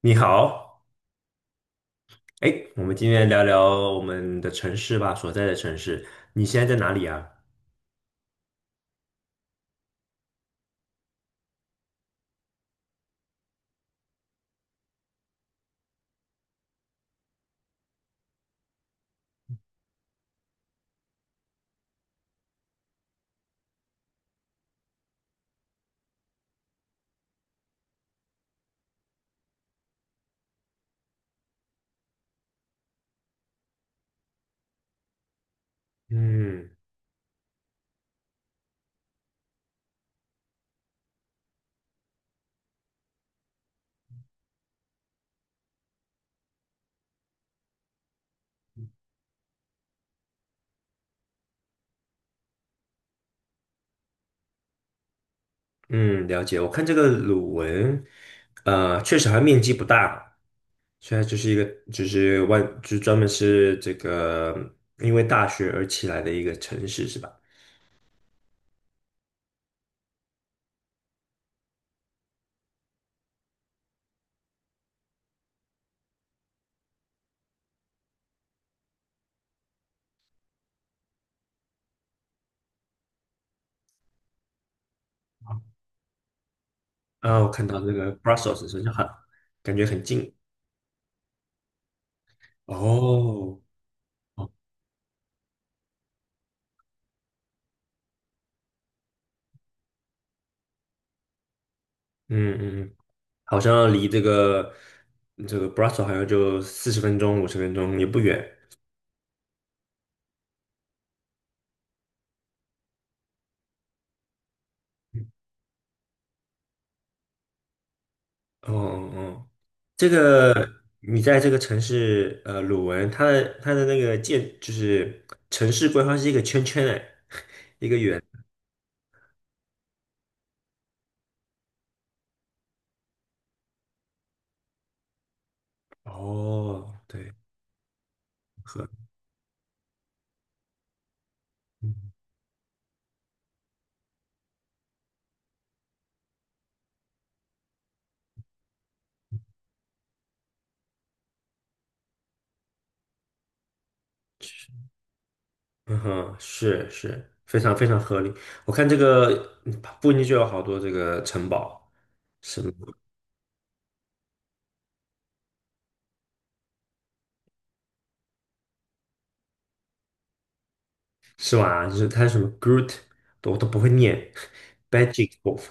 你好，哎，我们今天聊聊我们的城市吧，所在的城市。你现在在哪里啊？嗯嗯，了解。我看这个鲁文，确实还面积不大，现在就是一个就是万就是专门是这个因为大学而起来的一个城市是吧？啊，我看到这个 Brussels 好像感觉很近。哦，哦嗯嗯，嗯好像离这个 Brussels 好像就40分钟50分钟也不远。哦哦哦，这个你在这个城市，鲁文，它的那个就是城市规划是一个圈圈哎，一个圆。哦，对，合，嗯哼，是是，非常非常合理。我看这个附近就有好多这个城堡，什么是吧？就是它什么 Groot，我都不会念 b a g i c w o l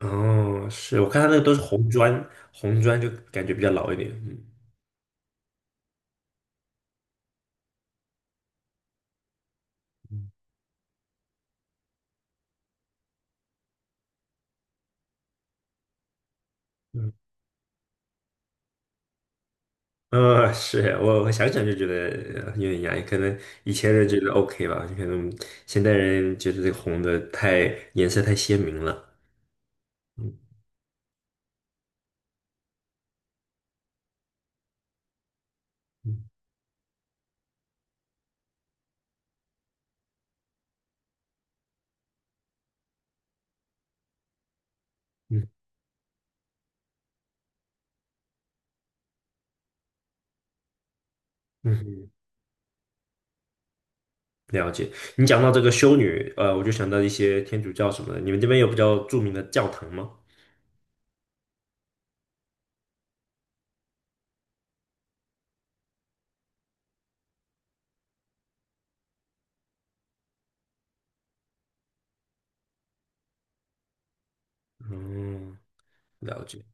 哦，是我看它那个都是红砖，红砖就感觉比较老一点，嗯嗯。是我想想就觉得有点压抑，可能以前人觉得 OK 吧，可能现代人觉得这个红的颜色太鲜明了。嗯嗯嗯嗯，了解。你讲到这个修女，我就想到一些天主教什么的，你们这边有比较著名的教堂吗？嗯，了解。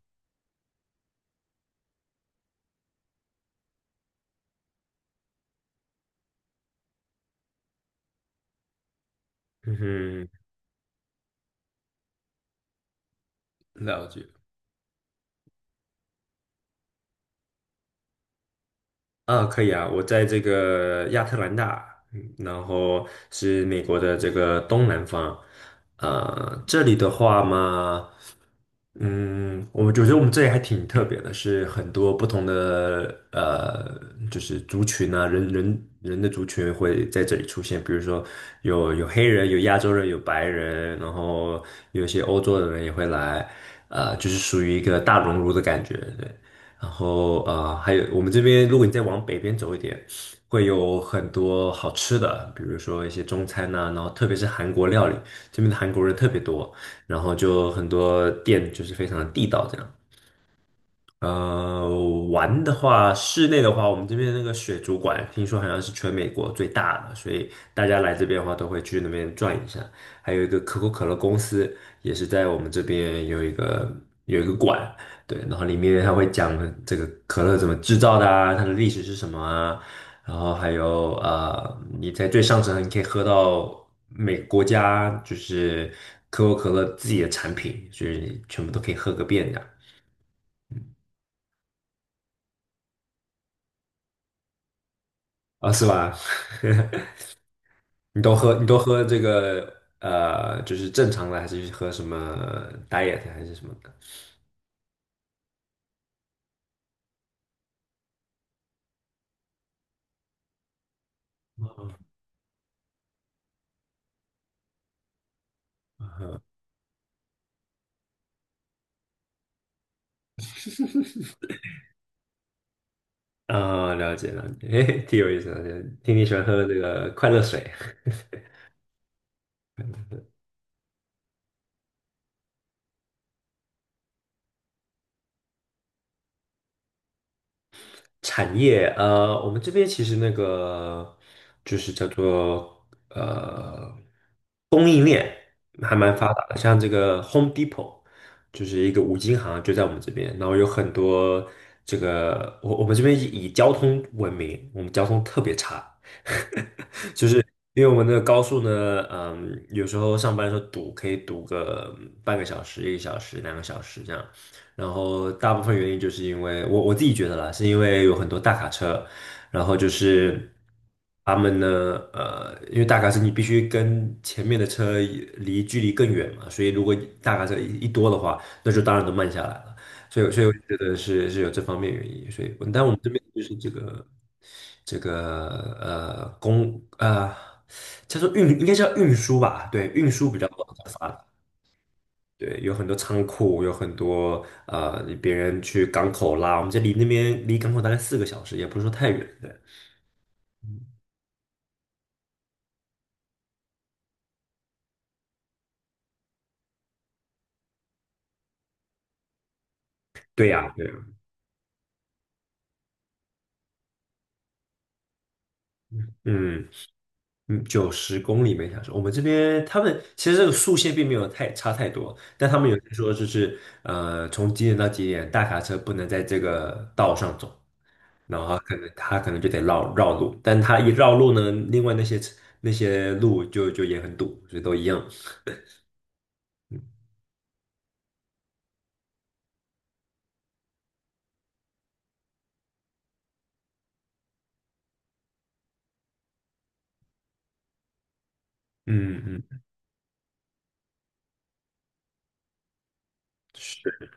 嗯哼，了解。啊，可以啊，我在这个亚特兰大，然后是美国的这个东南方，这里的话嘛，我们觉得我们这里还挺特别的，是很多不同的就是族群啊，人的族群会在这里出现，比如说有黑人，有亚洲人，有白人，然后有一些欧洲的人也会来，就是属于一个大熔炉的感觉，对。然后啊、还有我们这边，如果你再往北边走一点，会有很多好吃的，比如说一些中餐呐、然后特别是韩国料理，这边的韩国人特别多，然后就很多店就是非常的地道这样。呃，玩的话，室内的话，我们这边那个水族馆，听说好像是全美国最大的，所以大家来这边的话，都会去那边转一下。还有一个可口可乐公司，也是在我们这边有一个馆，对，然后里面它会讲这个可乐怎么制造的啊，它的历史是什么啊，然后还有你在最上层你可以喝到每个国家就是可口可乐自己的产品，所以全部都可以喝个遍的啊，是吧？你都喝这个就是正常的，还是喝什么 diet 还是什么的？啊、了解了解，嘿，挺有意思的，听你喜欢喝这个快乐水。产业，我们这边其实那个就是叫做供应链还蛮发达的，像这个 Home Depot 就是一个五金行，就在我们这边，然后有很多这个我们这边以交通闻名，我们交通特别差，因为我们的高速呢，有时候上班的时候堵，可以堵个半个小时、一个小时、两个小时这样。然后大部分原因就是因为我自己觉得啦，是因为有很多大卡车，然后就是他们呢，因为大卡车你必须跟前面的车离距离更远嘛，所以如果大卡车一多的话，那就当然都慢下来了。所以我觉得是有这方面原因，所以但我们这边。这个呃公呃叫做应该叫运输吧，对，运输比较发达，对，有很多仓库，有很多别人去港口拉，我们这离那边离港口大概4个小时，也不是说太远，对。对呀，对呀，嗯嗯，90公里每小时。我们这边他们其实这个速限并没有太差太多，但他们有说就是从几点到几点，大卡车不能在这个道上走。然后他可能就得绕绕路，但他一绕路呢，另外那些路就也很堵，所以都一样。嗯嗯，是，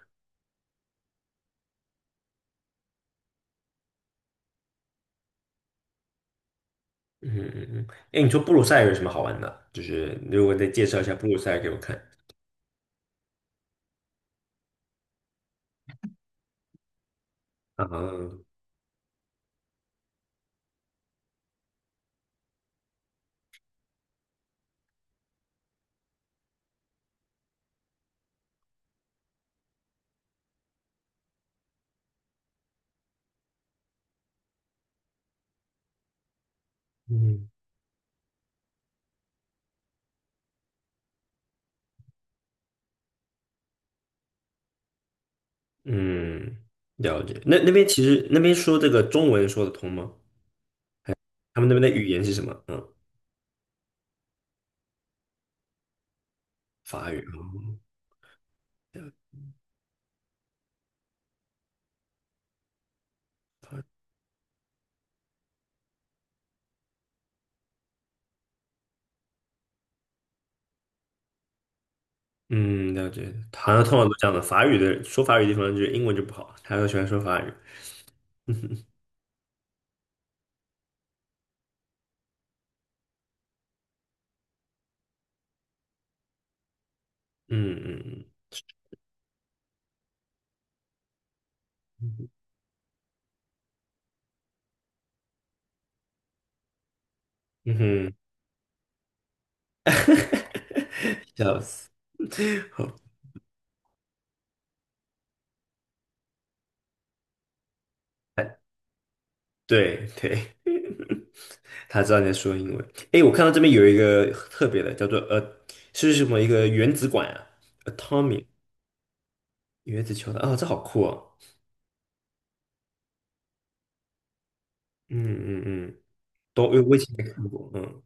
嗯嗯嗯。哎，你说布鲁塞尔有什么好玩的？就是如果再介绍一下布鲁塞尔给我看啊，嗯嗯，了解。那边其实那边说这个中文说得通吗？他们那边的语言是什么？嗯，法语。嗯，了解。好像通常都这样的，法语的说法语的地方就是英文就不好，他都喜欢说法语。嗯嗯嗯嗯嗯哼。哈哈，笑死！好，哎对对，他知道你在说英文。哎，我看到这边有一个特别的，叫做是什么一个原子管啊？Atomic 原子球的啊、哦这好酷哦！嗯嗯嗯，都我以前没看过，嗯，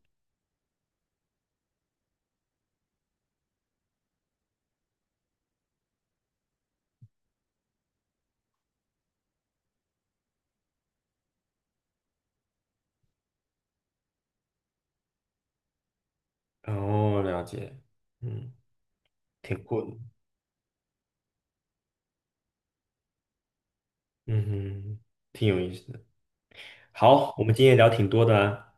哦，了解，嗯，挺酷的，嗯哼，挺有意思的。好，我们今天聊挺多的啊，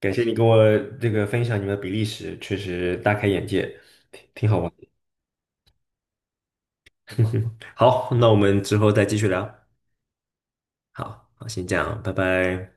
感谢你跟我这个分享你们的比利时，确实大开眼界。好，那我们之后再继续聊。好好，先这样，拜拜。